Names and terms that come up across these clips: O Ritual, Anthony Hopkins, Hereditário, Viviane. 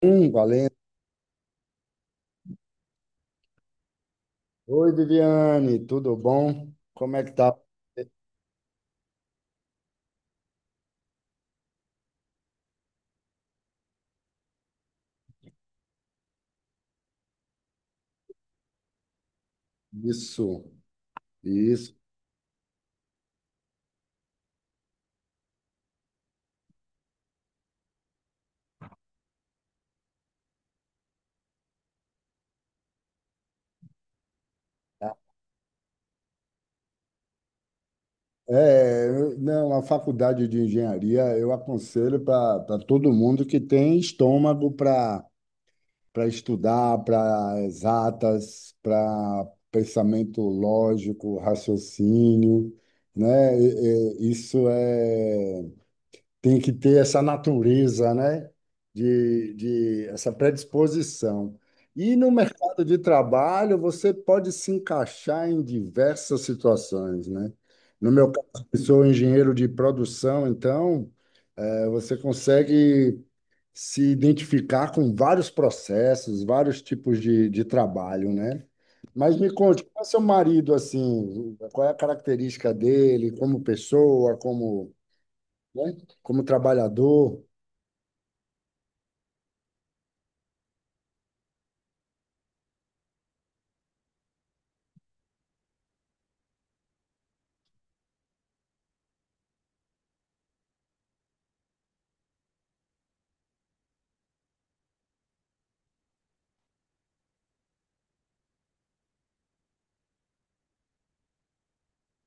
Valendo. Oi, Viviane, tudo bom? Como é que tá? Isso, isso. É, não, a faculdade de engenharia eu aconselho para todo mundo que tem estômago para estudar, para exatas, para pensamento lógico, raciocínio, né? Isso é, tem que ter essa natureza, né? De essa predisposição. E no mercado de trabalho, você pode se encaixar em diversas situações, né? No meu caso, eu sou engenheiro de produção, então você consegue se identificar com vários processos, vários tipos de trabalho, né? Mas me conte, qual é seu marido, assim, qual é a característica dele como pessoa, como, né, como trabalhador?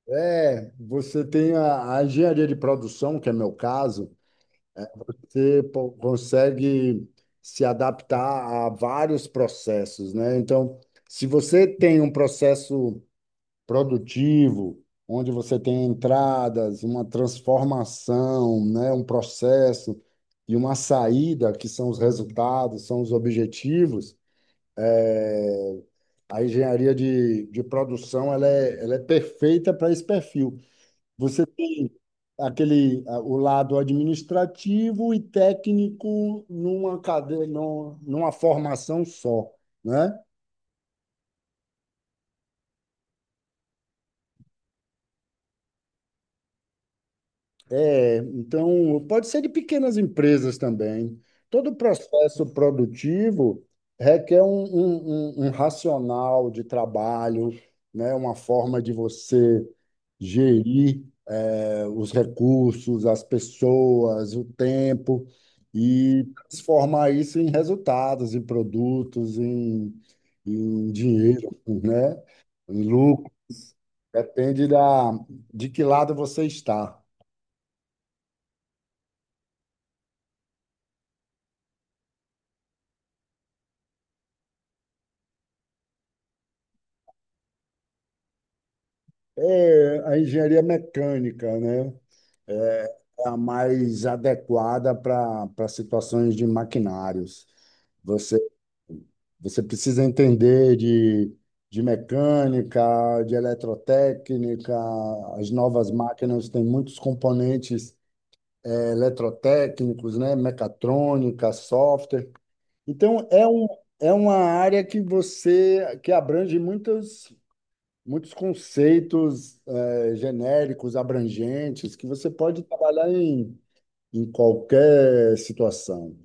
É, você tem a engenharia de produção, que é meu caso, consegue se adaptar a vários processos, né? Então, se você tem um processo produtivo, onde você tem entradas, uma transformação, né? Um processo e uma saída, que são os resultados, são os objetivos, é, a engenharia de produção ela é perfeita para esse perfil. Você tem o lado administrativo e técnico numa cadeia, numa formação só, né? É, então pode ser de pequenas empresas também. Todo processo produtivo requer um racional de trabalho, né? Uma forma de você gerir os recursos, as pessoas, o tempo, e transformar isso em resultados, em produtos, em dinheiro, né? Em lucro. Depende de que lado você está. É, a engenharia mecânica, né? É a mais adequada para situações de maquinários. Você Você precisa entender de mecânica, de eletrotécnica, as novas máquinas têm muitos componentes eletrotécnicos, né? Mecatrônica, software. Então, é uma área que abrange muitos, muitos conceitos genéricos, abrangentes, que você pode trabalhar em, em qualquer situação.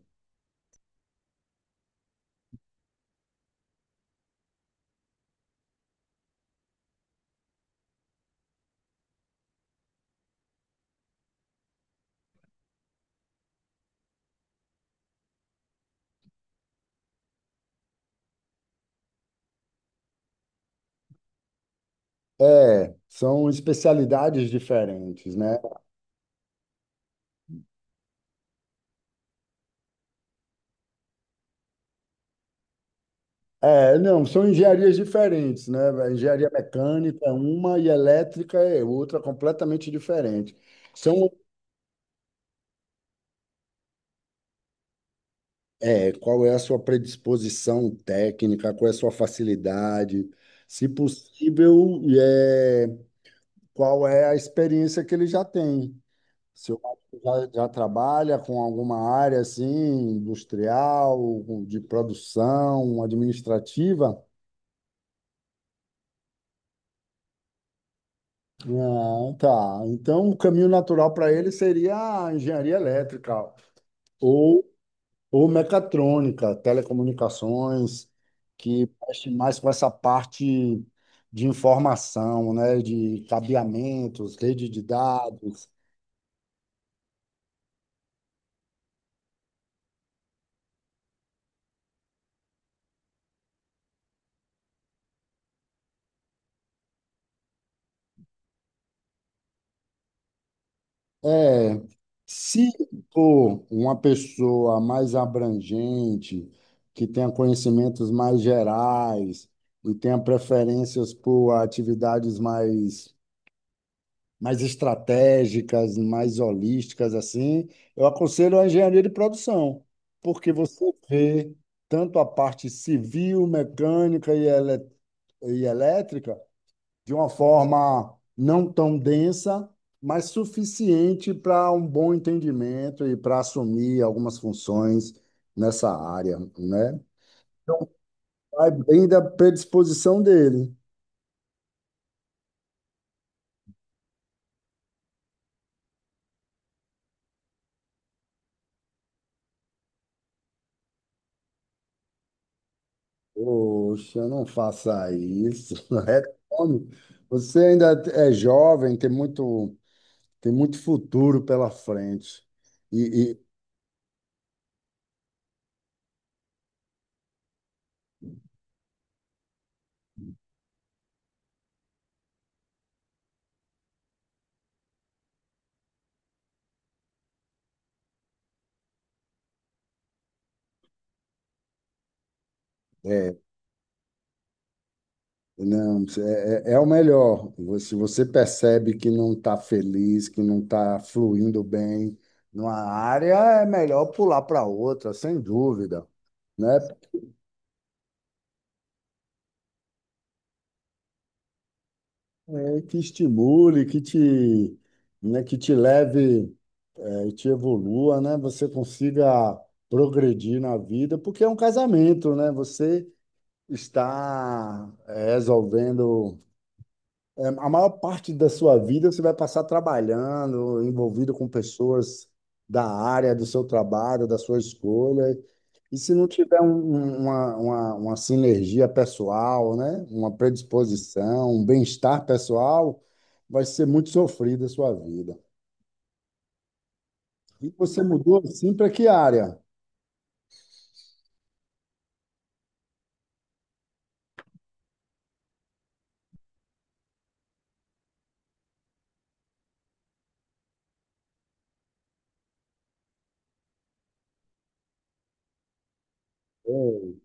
É, são especialidades diferentes, né? É, não, são engenharias diferentes, né? A engenharia mecânica é uma e elétrica é outra, completamente diferente. São, é, qual é a sua predisposição técnica, qual é a sua facilidade, se possível, é, qual é a experiência que ele já tem. Se o marido já trabalha com alguma área assim, industrial, de produção, administrativa. Ah, tá. Então, o caminho natural para ele seria a engenharia elétrica ou, ou mecatrônica, telecomunicações, que mexe mais com essa parte de informação, né? De cabeamentos, rede de dados. É, se for uma pessoa mais abrangente, que tenha conhecimentos mais gerais e tenha preferências por atividades mais estratégicas, mais holísticas, assim, eu aconselho a engenharia de produção, porque você vê tanto a parte civil, mecânica e, e elétrica de uma forma não tão densa, mas suficiente para um bom entendimento e para assumir algumas funções nessa área, né? Vai bem da predisposição dele. Poxa, não faça isso. Retome. Você ainda é jovem, tem muito futuro pela frente. E, e, é, não, é é o melhor. Se você percebe que não está feliz, que não está fluindo bem numa área, é melhor pular para outra, sem dúvida, né? É que estimule, que te, né, que te leve. A gente evolua, né? Você consiga progredir na vida, porque é um casamento, né? Você está resolvendo a maior parte da sua vida você vai passar trabalhando, envolvido com pessoas da área do seu trabalho, da sua escolha. E se não tiver uma sinergia pessoal, né? Uma predisposição, um bem-estar pessoal, vai ser muito sofrida a sua vida. E você mudou assim para que área? Hum.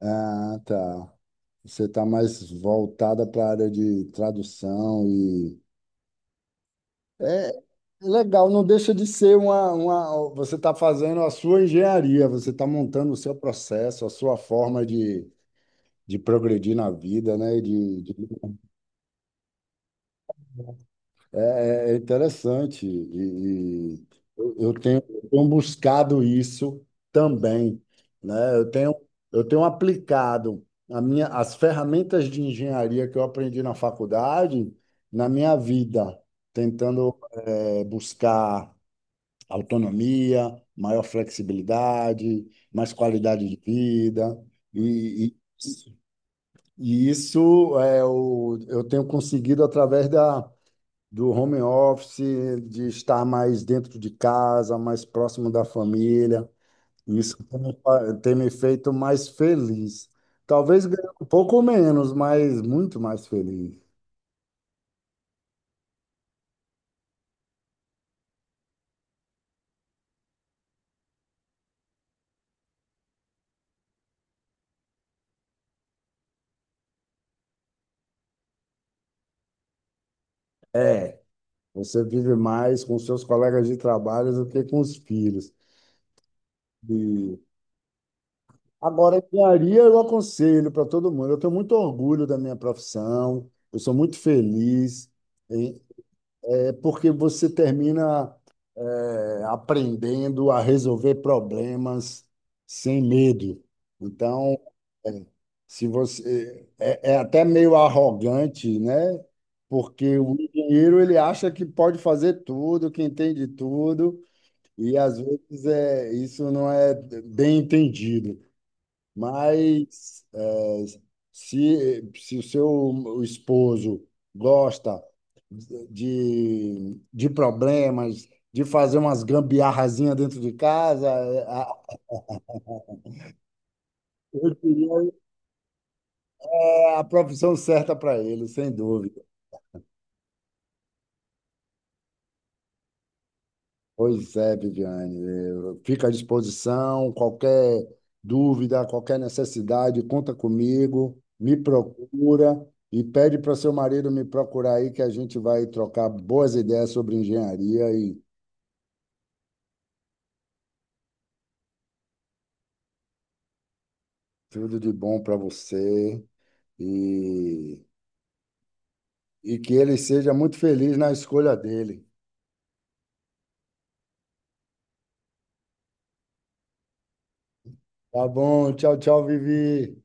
Ah, tá. Você está mais voltada para a área de tradução e é legal, não deixa de ser uma... Você está fazendo a sua engenharia, você está montando o seu processo, a sua forma de progredir na vida, né? De. É, é é interessante. E eu tenho buscado isso também, né? Eu tenho aplicado a minha, as ferramentas de engenharia que eu aprendi na faculdade na minha vida, tentando, eh, buscar autonomia, maior flexibilidade, mais qualidade de vida. E, e, e isso é, eu tenho conseguido através da do home office, de estar mais dentro de casa, mais próximo da família. Isso tem me feito mais feliz. Talvez ganhando um pouco menos, mas muito mais feliz. É, você vive mais com seus colegas de trabalho do que com os filhos. E agora, engenharia eu aconselho para todo mundo. Eu tenho muito orgulho da minha profissão, eu sou muito feliz. É porque você termina aprendendo a resolver problemas sem medo. Então, eh, se você é, é até meio arrogante, né? Porque o engenheiro ele acha que pode fazer tudo, que entende tudo, e às vezes é, isso não é bem entendido. Mas é, se o seu esposo gosta de problemas, de fazer umas gambiarrazinhas dentro de casa, eu diria que é a profissão certa para ele, sem dúvida. Pois é, Viviane. Eu fico à disposição. Qualquer dúvida, qualquer necessidade, conta comigo, me procura e pede para seu marido me procurar aí, que a gente vai trocar boas ideias sobre engenharia. E tudo de bom para você. E, e que ele seja muito feliz na escolha dele. Tá bom? Tchau, tchau, Vivi.